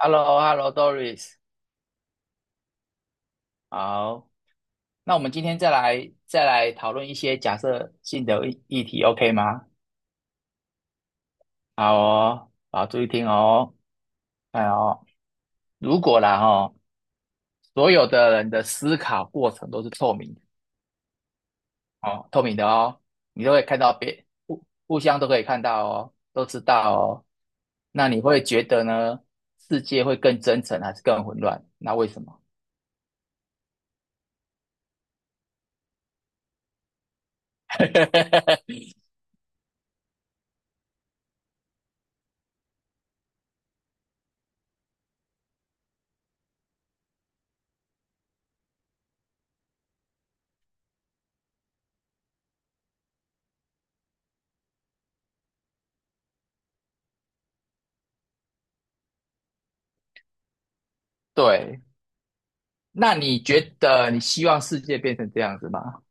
Hello Hello Doris 好。那我们今天再来讨论一些假设性的议题，OK 吗？好哦，好，注意听哦。哎哦，如果啦哦，所有的人的思考过程都是透明的哦，透明的哦。你都会看到别互互相都可以看到哦，都知道哦。那你会觉得呢，世界会更真诚还是更混乱？那为什么？对。那你觉得你希望世界变成这样子吗？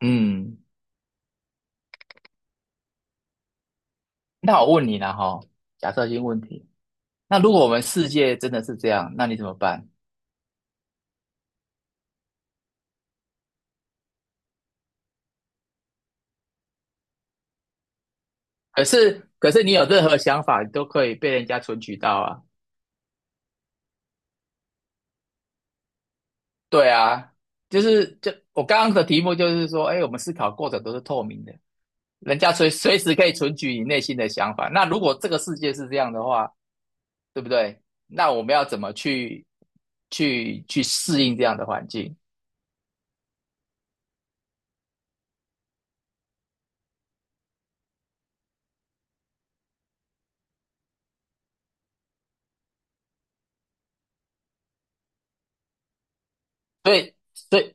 嗯。那我问你了哈，假设性问题，那如果我们世界真的是这样，那你怎么办？可是你有任何想法，你都可以被人家存取到啊。对啊。就我刚刚的题目就是说，哎，我们思考过程都是透明的，人家随时可以存取你内心的想法。那如果这个世界是这样的话，对不对？那我们要怎么去适应这样的环境？所以。所以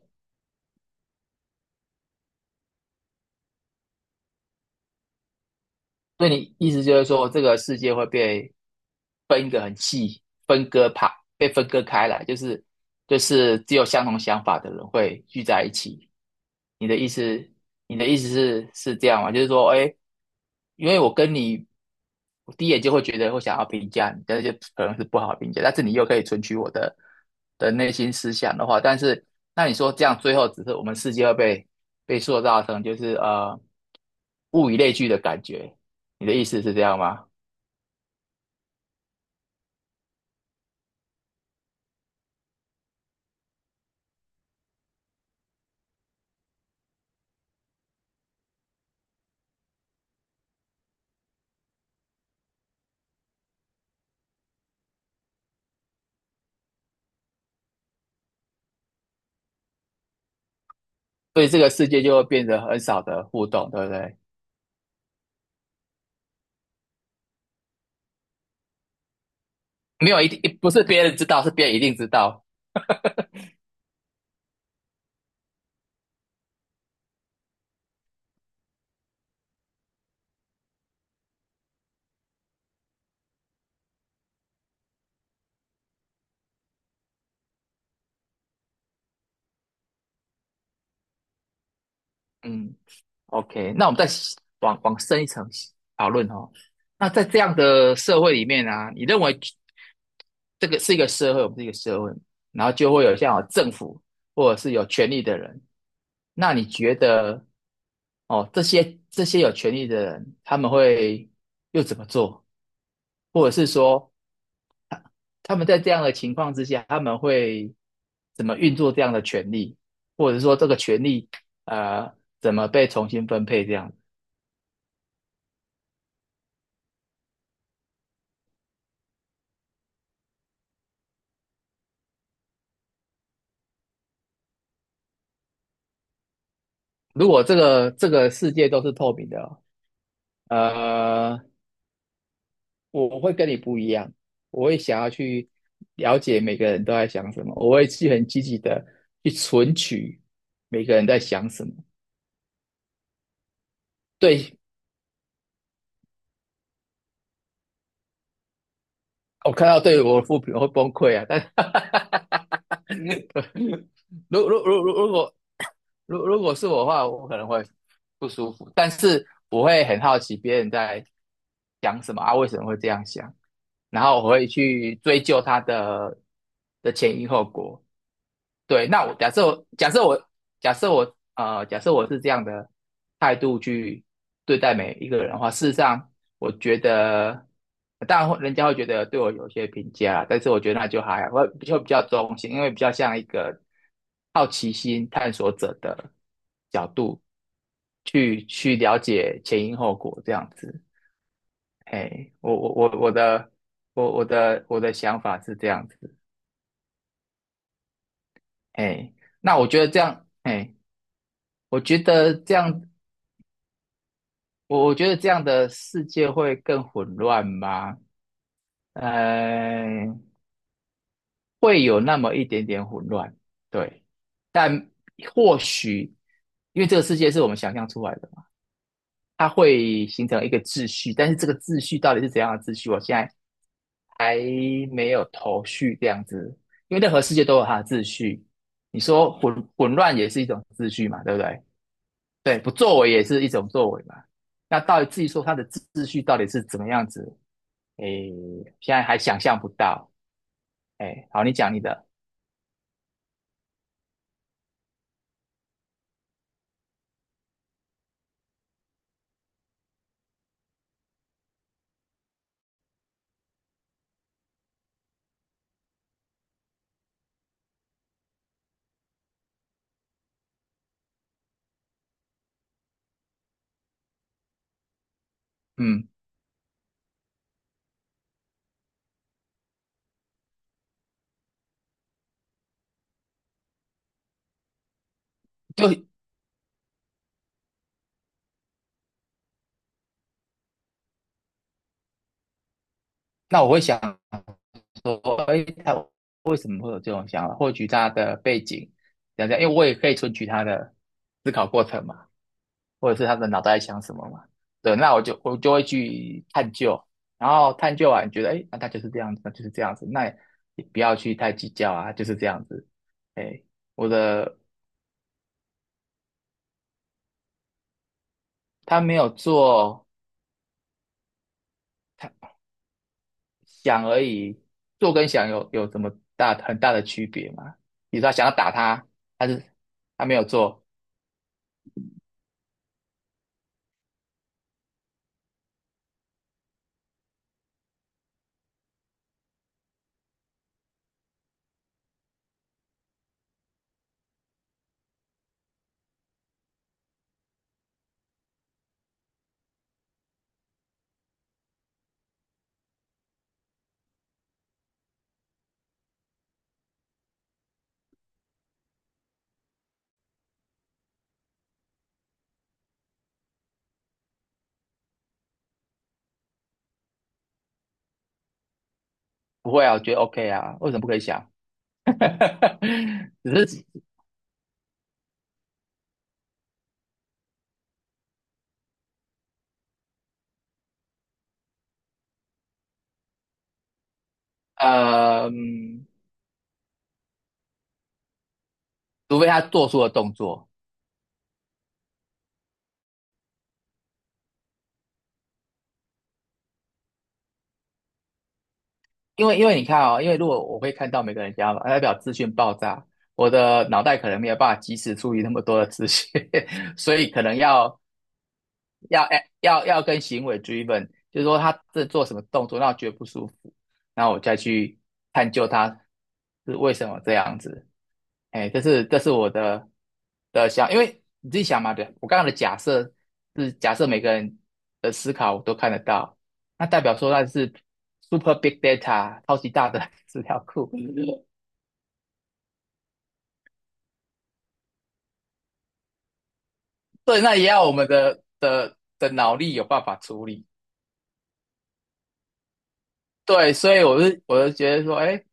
所以，你意思就是说，这个世界会被分一个很细，分割怕被分割开来，就是只有相同想法的人会聚在一起。你的意思，你的意思是这样吗？就是说，哎，因为我跟你，我第一眼就会觉得会想要评价你，但是就可能是不好评价，但是你又可以存取我的内心思想的话，但是那你说这样最后只是我们世界会被塑造成就是物以类聚的感觉。你的意思是这样吗？所以这个世界就会变得很少的互动，对不对？没有一定，不是别人知道，是别人一定知道。嗯，OK。那我们再往深一层讨论哦。那在这样的社会里面啊，你认为这个是一个社会，我们是一个社会，然后就会有像有政府或者是有权力的人。那你觉得，哦，这些有权力的人，他们会又怎么做？或者是说，他们在这样的情况之下，他们会怎么运作这样的权利，或者说这个权利呃怎么被重新分配这样？如果这个世界都是透明的哦。呃，我会跟你不一样，我会想要去了解每个人都在想什么，我会去很积极的去存取每个人在想什么。对，我看到对我的负评我会崩溃啊，但是 如如如如如果如果是我的话，我可能会不舒服，但是我会很好奇别人在想什么啊，为什么会这样想，然后我会去追究他的前因后果。对。那我假设我是这样的态度去对待每一个人的话，事实上我觉得，当然会人家会觉得对我有些评价啦，但是我觉得那就还好，我就比较中性，因为比较像一个好奇心探索者的角度去了解前因后果这样子。嘿，我的想法是这样子。嘿。那我觉得这样，嘿。我觉得这样，我觉得这样的世界会更混乱吗？呃，会有那么一点点混乱，对。但或许，因为这个世界是我们想象出来的嘛，它会形成一个秩序，但是这个秩序到底是怎样的秩序，我现在还没有头绪。这样子，因为任何世界都有它的秩序，你说混乱也是一种秩序嘛，对不对？对，不作为也是一种作为嘛。那到底至于说他的秩序到底是怎么样子，诶，现在还想象不到。诶，好，你讲你的。嗯。就那我会想说，诶，他为什么会有这种想法？获取他的背景，讲讲，因为我也可以存取他的思考过程嘛。或者是他的脑袋在想什么嘛。对，那我就会去探究，然后探究完觉得，哎，那他就是这样子，那就是这样子，那也不要去太计较啊，就是这样子。哎，我的他没有做，他想而已，做跟想有什么大很大的区别吗？比如说他想要打他，但是他没有做。不会啊，我觉得 OK 啊，为什么不可以想？只是呃，嗯除非他做出了动作。因为你看哦，因为如果我会看到每个人家嘛，代表资讯爆炸，我的脑袋可能没有办法及时处理那么多的资讯。所以可能要要哎要要跟行为 driven，就是说他这做什么动作让我觉得不舒服，然后我再去探究他是为什么这样子。哎，这是我的想，因为你自己想嘛。对，我刚刚的假设是假设每个人的思考我都看得到，那代表说那是 super big data 超级大的 资料库。对，那也要我们的脑力有办法处理。对，所以我就觉得说，哎，事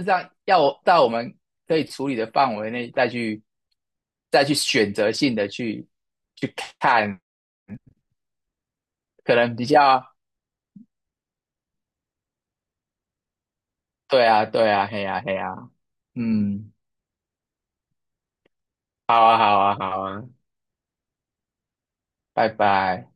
实上要我在我们可以处理的范围内再去选择性的去看，可能比较对啊，对啊，嘿呀，啊嘿呀，啊嗯，好啊，好啊，好啊，拜拜。